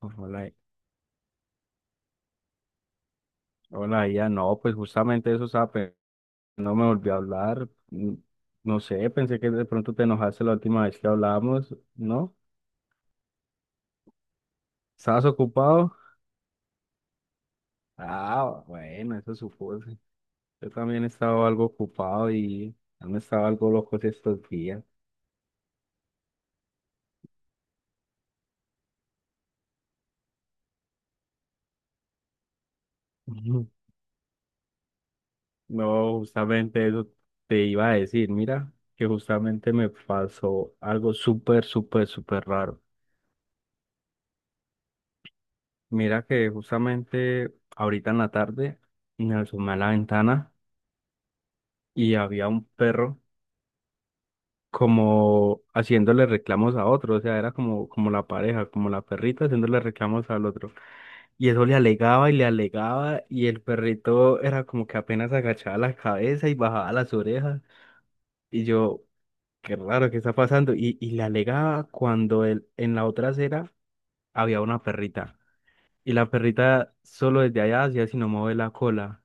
Hola, hola, ya no, pues justamente eso, no me volvió a hablar. No sé, pensé que de pronto te enojaste la última vez que hablábamos, ¿no? ¿Estabas ocupado? Ah, bueno, eso supuse. Yo también estaba algo ocupado y han estado algo locos estos días. Ujú. No, justamente eso te iba a decir. Mira, que justamente me pasó algo súper, súper, súper raro. Mira que justamente ahorita en la tarde me asomé a la ventana y había un perro como haciéndole reclamos a otro, o sea, era como, como la pareja, como la perrita haciéndole reclamos al otro. Y eso le alegaba y el perrito era como que apenas agachaba la cabeza y bajaba las orejas. Y yo, qué raro, ¿qué está pasando? Y le alegaba cuando él, en la otra acera había una perrita. Y la perrita solo desde allá hacía sino mover la cola.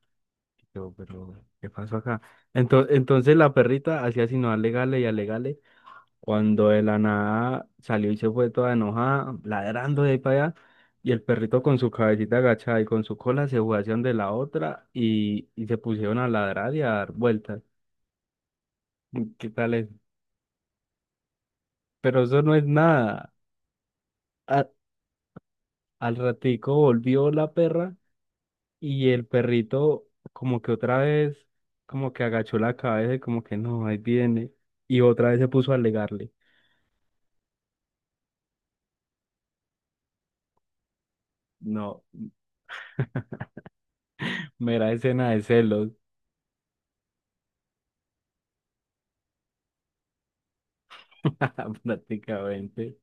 Y yo, pero, ¿qué pasó acá? Entonces la perrita hacía sino alegarle y alegarle. Cuando de la nada salió y se fue toda enojada, ladrando de ahí para allá, y el perrito con su cabecita agachada y con su cola se fue hacia donde la otra y se pusieron a ladrar y a dar vueltas. ¿Qué tal es? Pero eso no es nada. A- Al ratico volvió la perra y el perrito como que otra vez, como que agachó la cabeza y como que no, ahí viene. Y otra vez se puso a alegarle. No, mera escena de celos, prácticamente.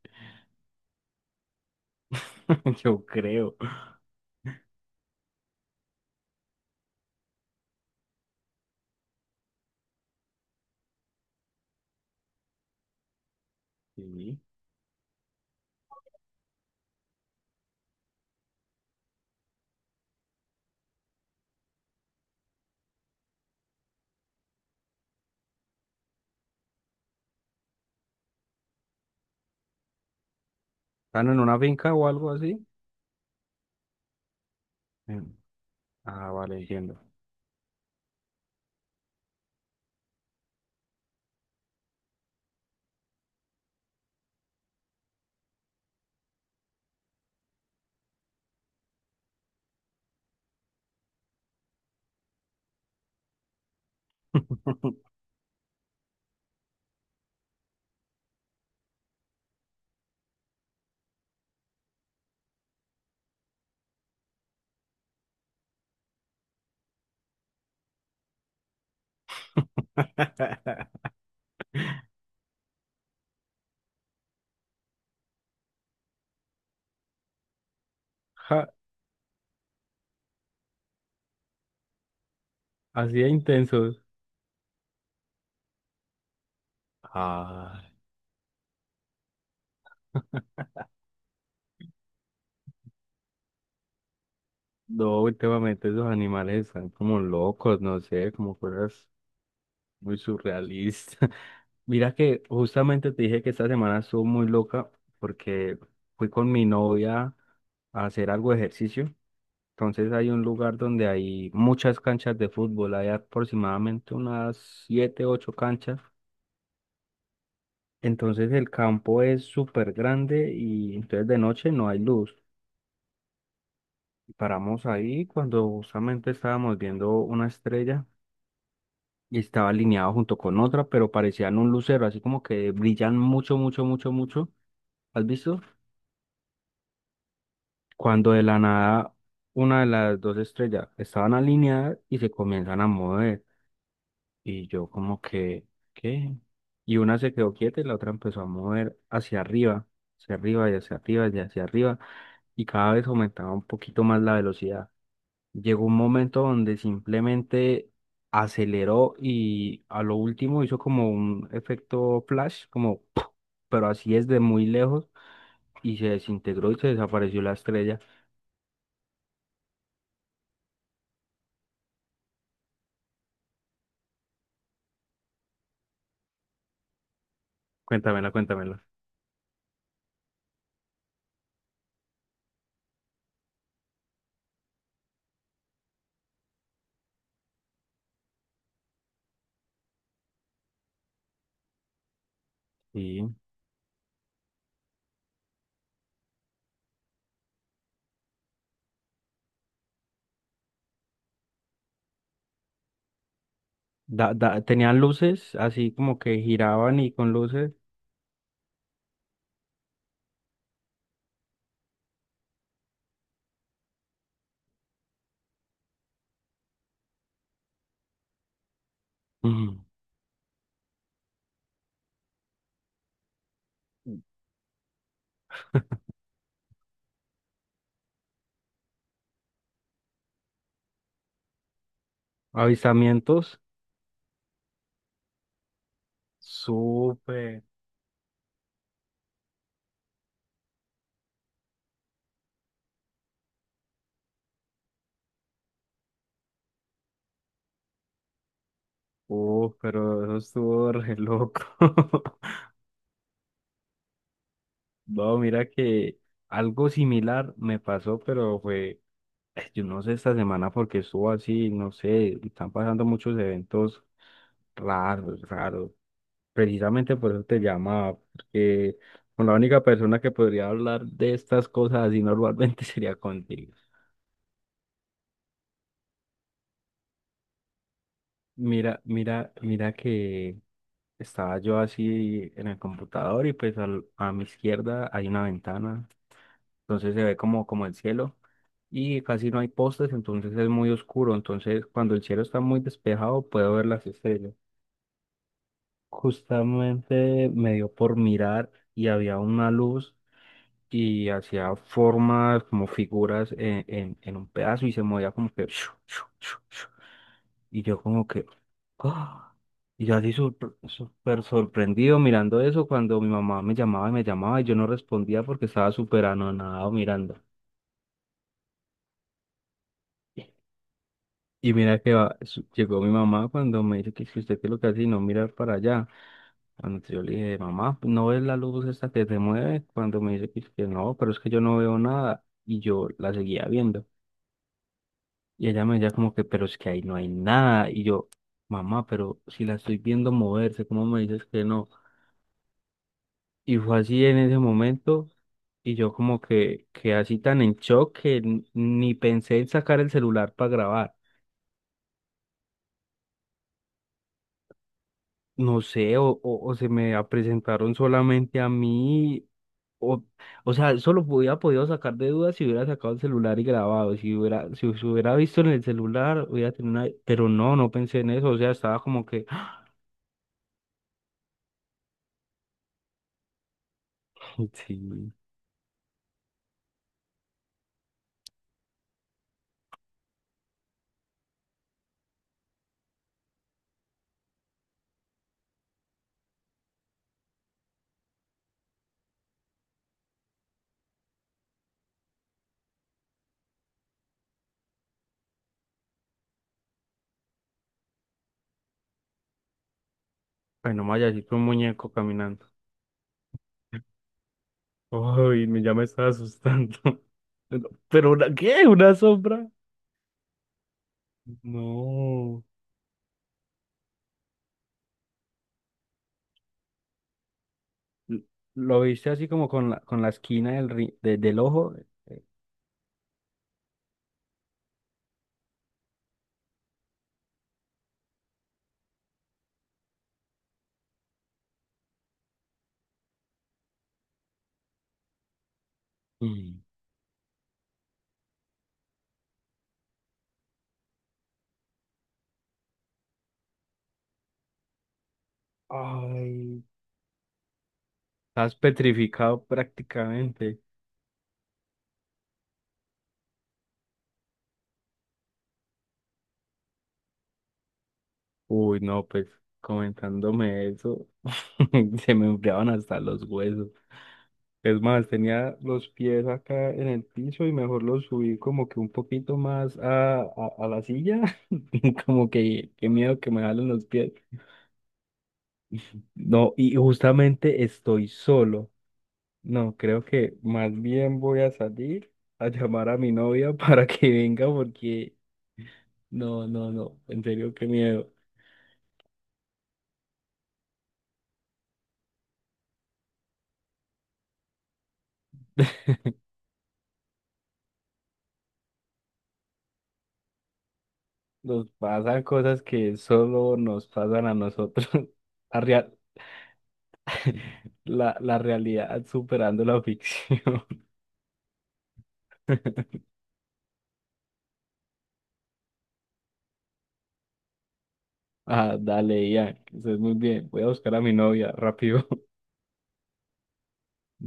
Yo creo. Sí. ¿Están en una finca o algo así? En- Ah, vale, entiendo. Ja, así de intensos. Ah, no, últimamente esos animales están como locos, no sé, como cosas muy surrealistas. Mira que justamente te dije que esta semana estuvo muy loca porque fui con mi novia a hacer algo de ejercicio. Entonces hay un lugar donde hay muchas canchas de fútbol, hay aproximadamente unas siete, ocho canchas. Entonces el campo es súper grande y entonces de noche no hay luz. Paramos ahí cuando justamente estábamos viendo una estrella y estaba alineado junto con otra, pero parecían un lucero, así como que brillan mucho, mucho, mucho, mucho. ¿Has visto? Cuando de la nada una de las dos estrellas estaban alineadas y se comienzan a mover. Y yo como que, ¿qué? Y una se quedó quieta y la otra empezó a mover hacia arriba y hacia arriba y hacia arriba. Y cada vez aumentaba un poquito más la velocidad. Llegó un momento donde simplemente aceleró y a lo último hizo como un efecto flash, como, ¡puf!, pero así es de muy lejos y se desintegró y se desapareció la estrella. Cuéntamela, cuéntamela. Sí. Tenían luces así como que giraban y con luces. Ujú. Avisamientos, súper, pero eso estuvo re loco. No, mira que algo similar me pasó, pero fue, yo no sé esta semana porque estuvo así, no sé, están pasando muchos eventos raros, raros. Precisamente por eso te llamaba, porque con la única persona que podría hablar de estas cosas así normalmente sería contigo. Mira que estaba yo así en el computador y pues a mi izquierda hay una ventana, entonces se ve como, como el cielo y casi no hay postes, entonces es muy oscuro, entonces cuando el cielo está muy despejado puedo ver las estrellas. Justamente me dio por mirar y había una luz y hacía formas como figuras en un pedazo y se movía como que... Y yo como que... ¡Ah! Y yo así súper sorprendido mirando eso cuando mi mamá me llamaba y yo no respondía porque estaba súper anonadado mirando. Y mira que llegó mi mamá cuando me dice que si usted qué es lo que hace y no mirar para allá. Cuando yo le dije, mamá, ¿no ves la luz esta que se mueve? Cuando me dice que no, pero es que yo no veo nada. Y yo la seguía viendo. Y ella me decía como que, pero es que ahí no hay nada. Y yo, mamá, pero si la estoy viendo moverse, ¿cómo me dices que no? Y fue así en ese momento, y yo como que así tan en shock que ni pensé en sacar el celular para grabar. No sé, o se me presentaron solamente a mí, o, o sea, eso lo hubiera podido sacar de dudas si hubiera sacado el celular y grabado, si hubiera, si, se hubiera visto en el celular, hubiera tenido una... Pero no, no pensé en eso, o sea, estaba como que, sí, bueno, vaya, así fue un muñeco caminando. Ay, ya me estaba asustando. Pero ¿qué? ¿Una sombra? No. L- ¿Lo viste así como con la esquina del, del ojo? Eh, mm. Ay. Estás petrificado prácticamente. Uy, no, pues comentándome eso, se me enfriaban hasta los huesos. Es más, tenía los pies acá en el piso y mejor los subí como que un poquito más a la silla, como que qué miedo que me jalen los pies. No, y justamente estoy solo. No, creo que más bien voy a salir a llamar a mi novia para que venga porque no, no, no, en serio, qué miedo. Nos pasan cosas que solo nos pasan a nosotros. La, real- la realidad superando la ficción. Ah, dale, ya, que estés muy bien. Voy a buscar a mi novia rápido.